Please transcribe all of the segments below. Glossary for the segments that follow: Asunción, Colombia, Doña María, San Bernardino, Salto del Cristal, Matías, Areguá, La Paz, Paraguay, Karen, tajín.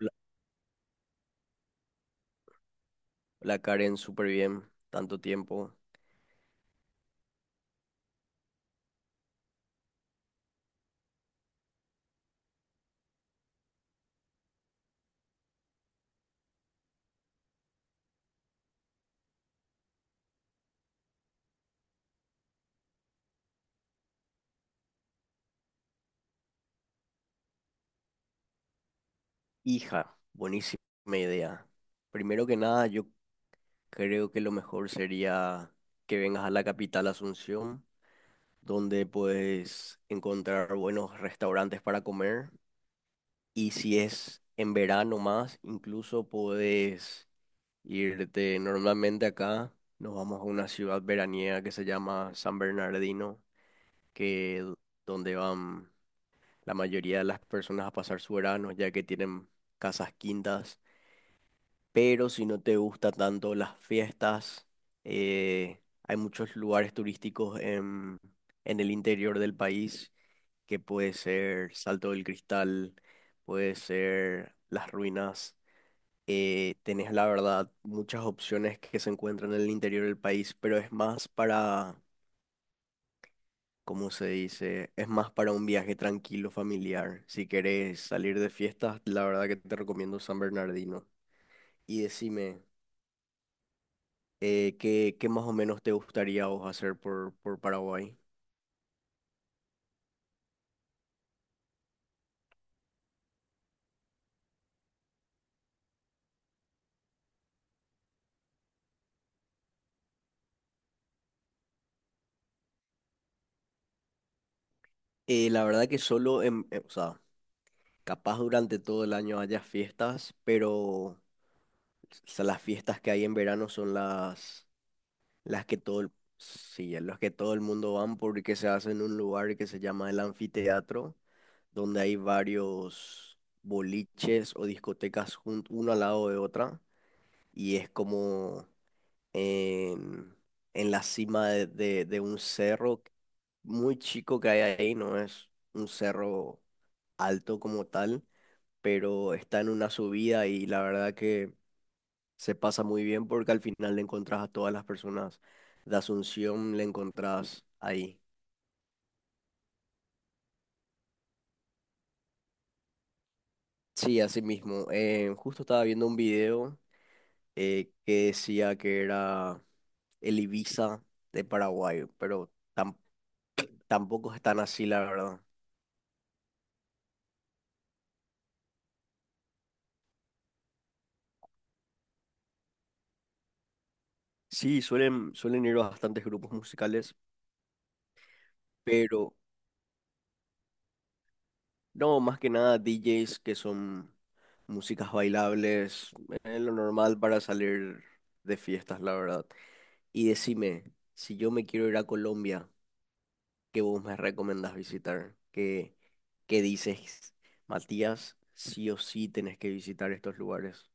La, la Karen, súper bien, tanto tiempo. Hija, buenísima idea. Primero que nada, yo creo que lo mejor sería que vengas a la capital Asunción, donde puedes encontrar buenos restaurantes para comer. Y si es en verano más, incluso puedes irte normalmente acá. Nos vamos a una ciudad veraniega que se llama San Bernardino, que donde van la mayoría de las personas a pasar su verano, ya que tienen casas quintas. Pero si no te gusta tanto las fiestas, hay muchos lugares turísticos en el interior del país, que puede ser Salto del Cristal, puede ser las ruinas. Tenés la verdad muchas opciones que se encuentran en el interior del país, pero es más para como se dice, es más para un viaje tranquilo, familiar. Si querés salir de fiestas, la verdad que te recomiendo San Bernardino. Y decime, ¿qué más o menos te gustaría a vos hacer por Paraguay? La verdad que solo, o sea, capaz durante todo el año haya fiestas, pero las fiestas que hay en verano son las, las que todo el, sí, las que todo el mundo van porque se hace en un lugar que se llama el anfiteatro, donde hay varios boliches o discotecas una al lado de otra, y es como en, en la cima de un cerro muy chico que hay ahí. No es un cerro alto como tal, pero está en una subida y la verdad que se pasa muy bien porque al final le encontrás a todas las personas de Asunción, le encontrás ahí. Sí, así mismo. Justo estaba viendo un video que decía que era el Ibiza de Paraguay, pero tampoco es tan así, la verdad. Sí, suelen ir bastantes grupos musicales, pero no, más que nada DJs que son músicas bailables, es lo normal para salir de fiestas, la verdad. Y decime, si yo me quiero ir a Colombia, ¿qué vos me recomendás visitar? ¿Qué dices, Matías? Sí o sí tenés que visitar estos lugares.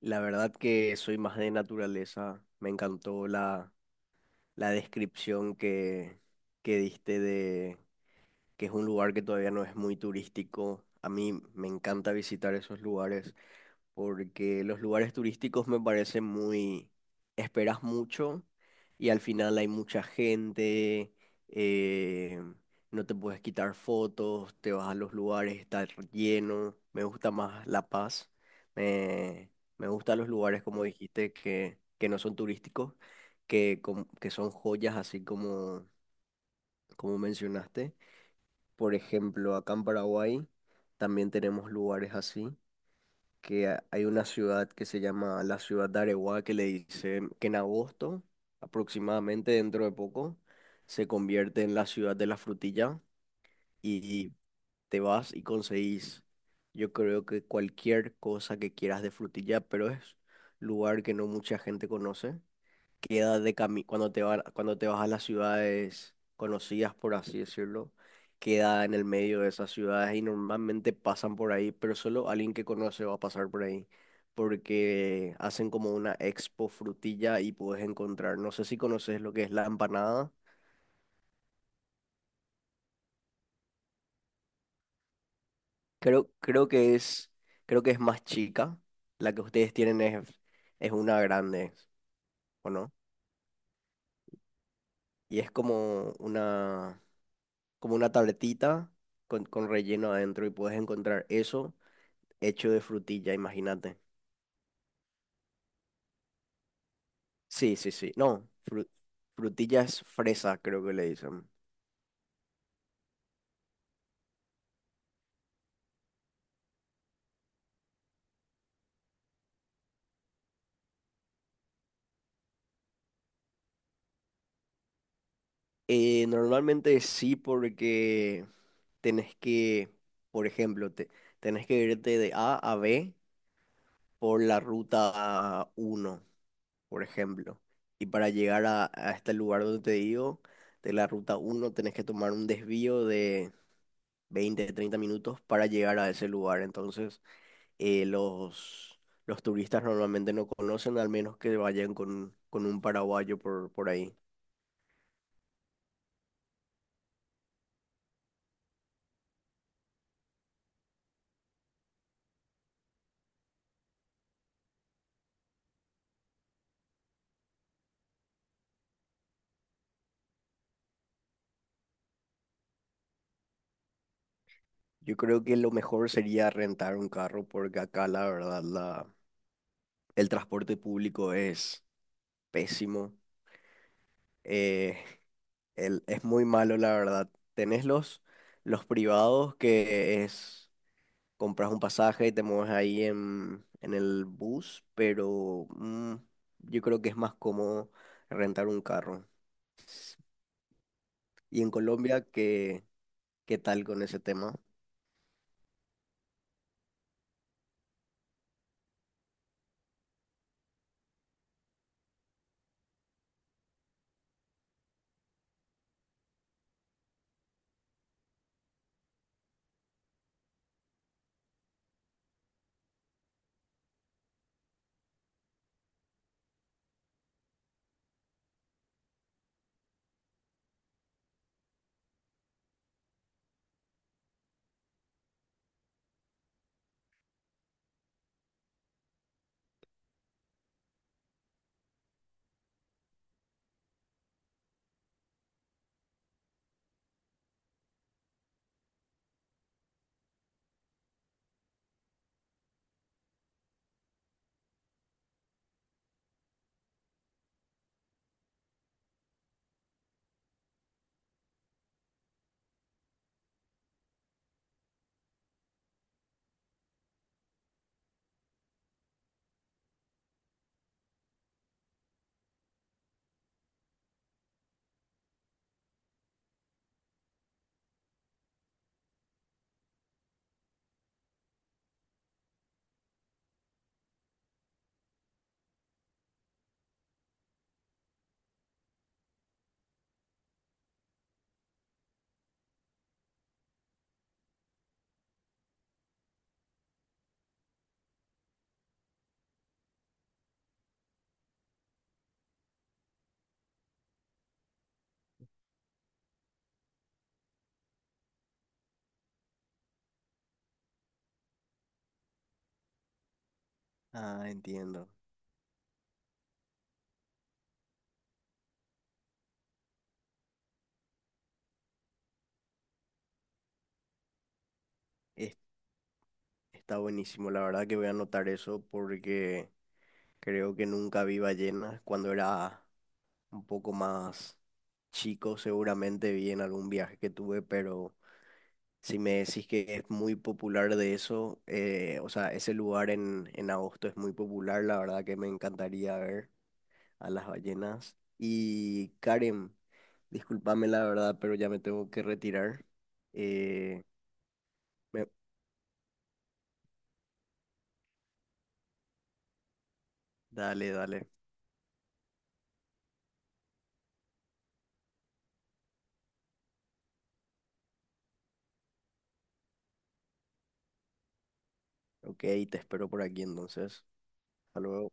La verdad que soy más de naturaleza. Me encantó la descripción que diste de que es un lugar que todavía no es muy turístico. A mí me encanta visitar esos lugares porque los lugares turísticos me parecen muy, esperas mucho y al final hay mucha gente, eh, no te puedes quitar fotos, te vas a los lugares, está lleno, me gusta más La Paz, me, me gustan los lugares como dijiste que, no son turísticos, que son joyas así como mencionaste. Por ejemplo, acá en Paraguay también tenemos lugares así que hay una ciudad que se llama la ciudad de Areguá, que le dice que en agosto, aproximadamente dentro de poco, se convierte en la ciudad de la frutilla, y te vas y conseguís, yo creo que cualquier cosa que quieras de frutilla, pero es lugar que no mucha gente conoce. Queda de cami cuando te vas a las ciudades conocidas, por así decirlo, queda en el medio de esas ciudades y normalmente pasan por ahí, pero solo alguien que conoce va a pasar por ahí, porque hacen como una expo frutilla y puedes encontrar. No sé si conoces lo que es la empanada. Creo, creo que es, creo que es más chica, la que ustedes tienen es una grande, ¿o no? Y es como una tabletita con relleno adentro, y puedes encontrar eso hecho de frutilla, imagínate. Sí, sí, sí. No, frutilla es fresa, creo que le dicen. Normalmente sí porque tenés que, por ejemplo, tenés que irte de A a B por la ruta 1, por ejemplo. Y para llegar a este lugar donde te digo, de la ruta 1 tenés que tomar un desvío de 20 o 30 minutos para llegar a ese lugar. Entonces, eh, los, los turistas normalmente no conocen, al menos que vayan con un paraguayo por ahí. Yo creo que lo mejor sería rentar un carro porque acá la verdad el transporte público es pésimo. Eh, es muy malo la verdad. Tenés los privados, que es compras un pasaje y te mueves ahí en el bus, pero yo creo que es más cómodo rentar un carro. Y en Colombia, que ¿qué tal con ese tema? Ah, entiendo. Es- Está buenísimo. La verdad que voy a anotar eso porque creo que nunca vi ballenas. Cuando era un poco más chico, seguramente vi en algún viaje que tuve, pero si me decís que es muy popular de eso, o sea, ese lugar en agosto es muy popular. La verdad que me encantaría ver a las ballenas. Y Karen, discúlpame la verdad, pero ya me tengo que retirar. Eh, me- Dale, dale. Ok, te espero por aquí entonces. Hasta luego.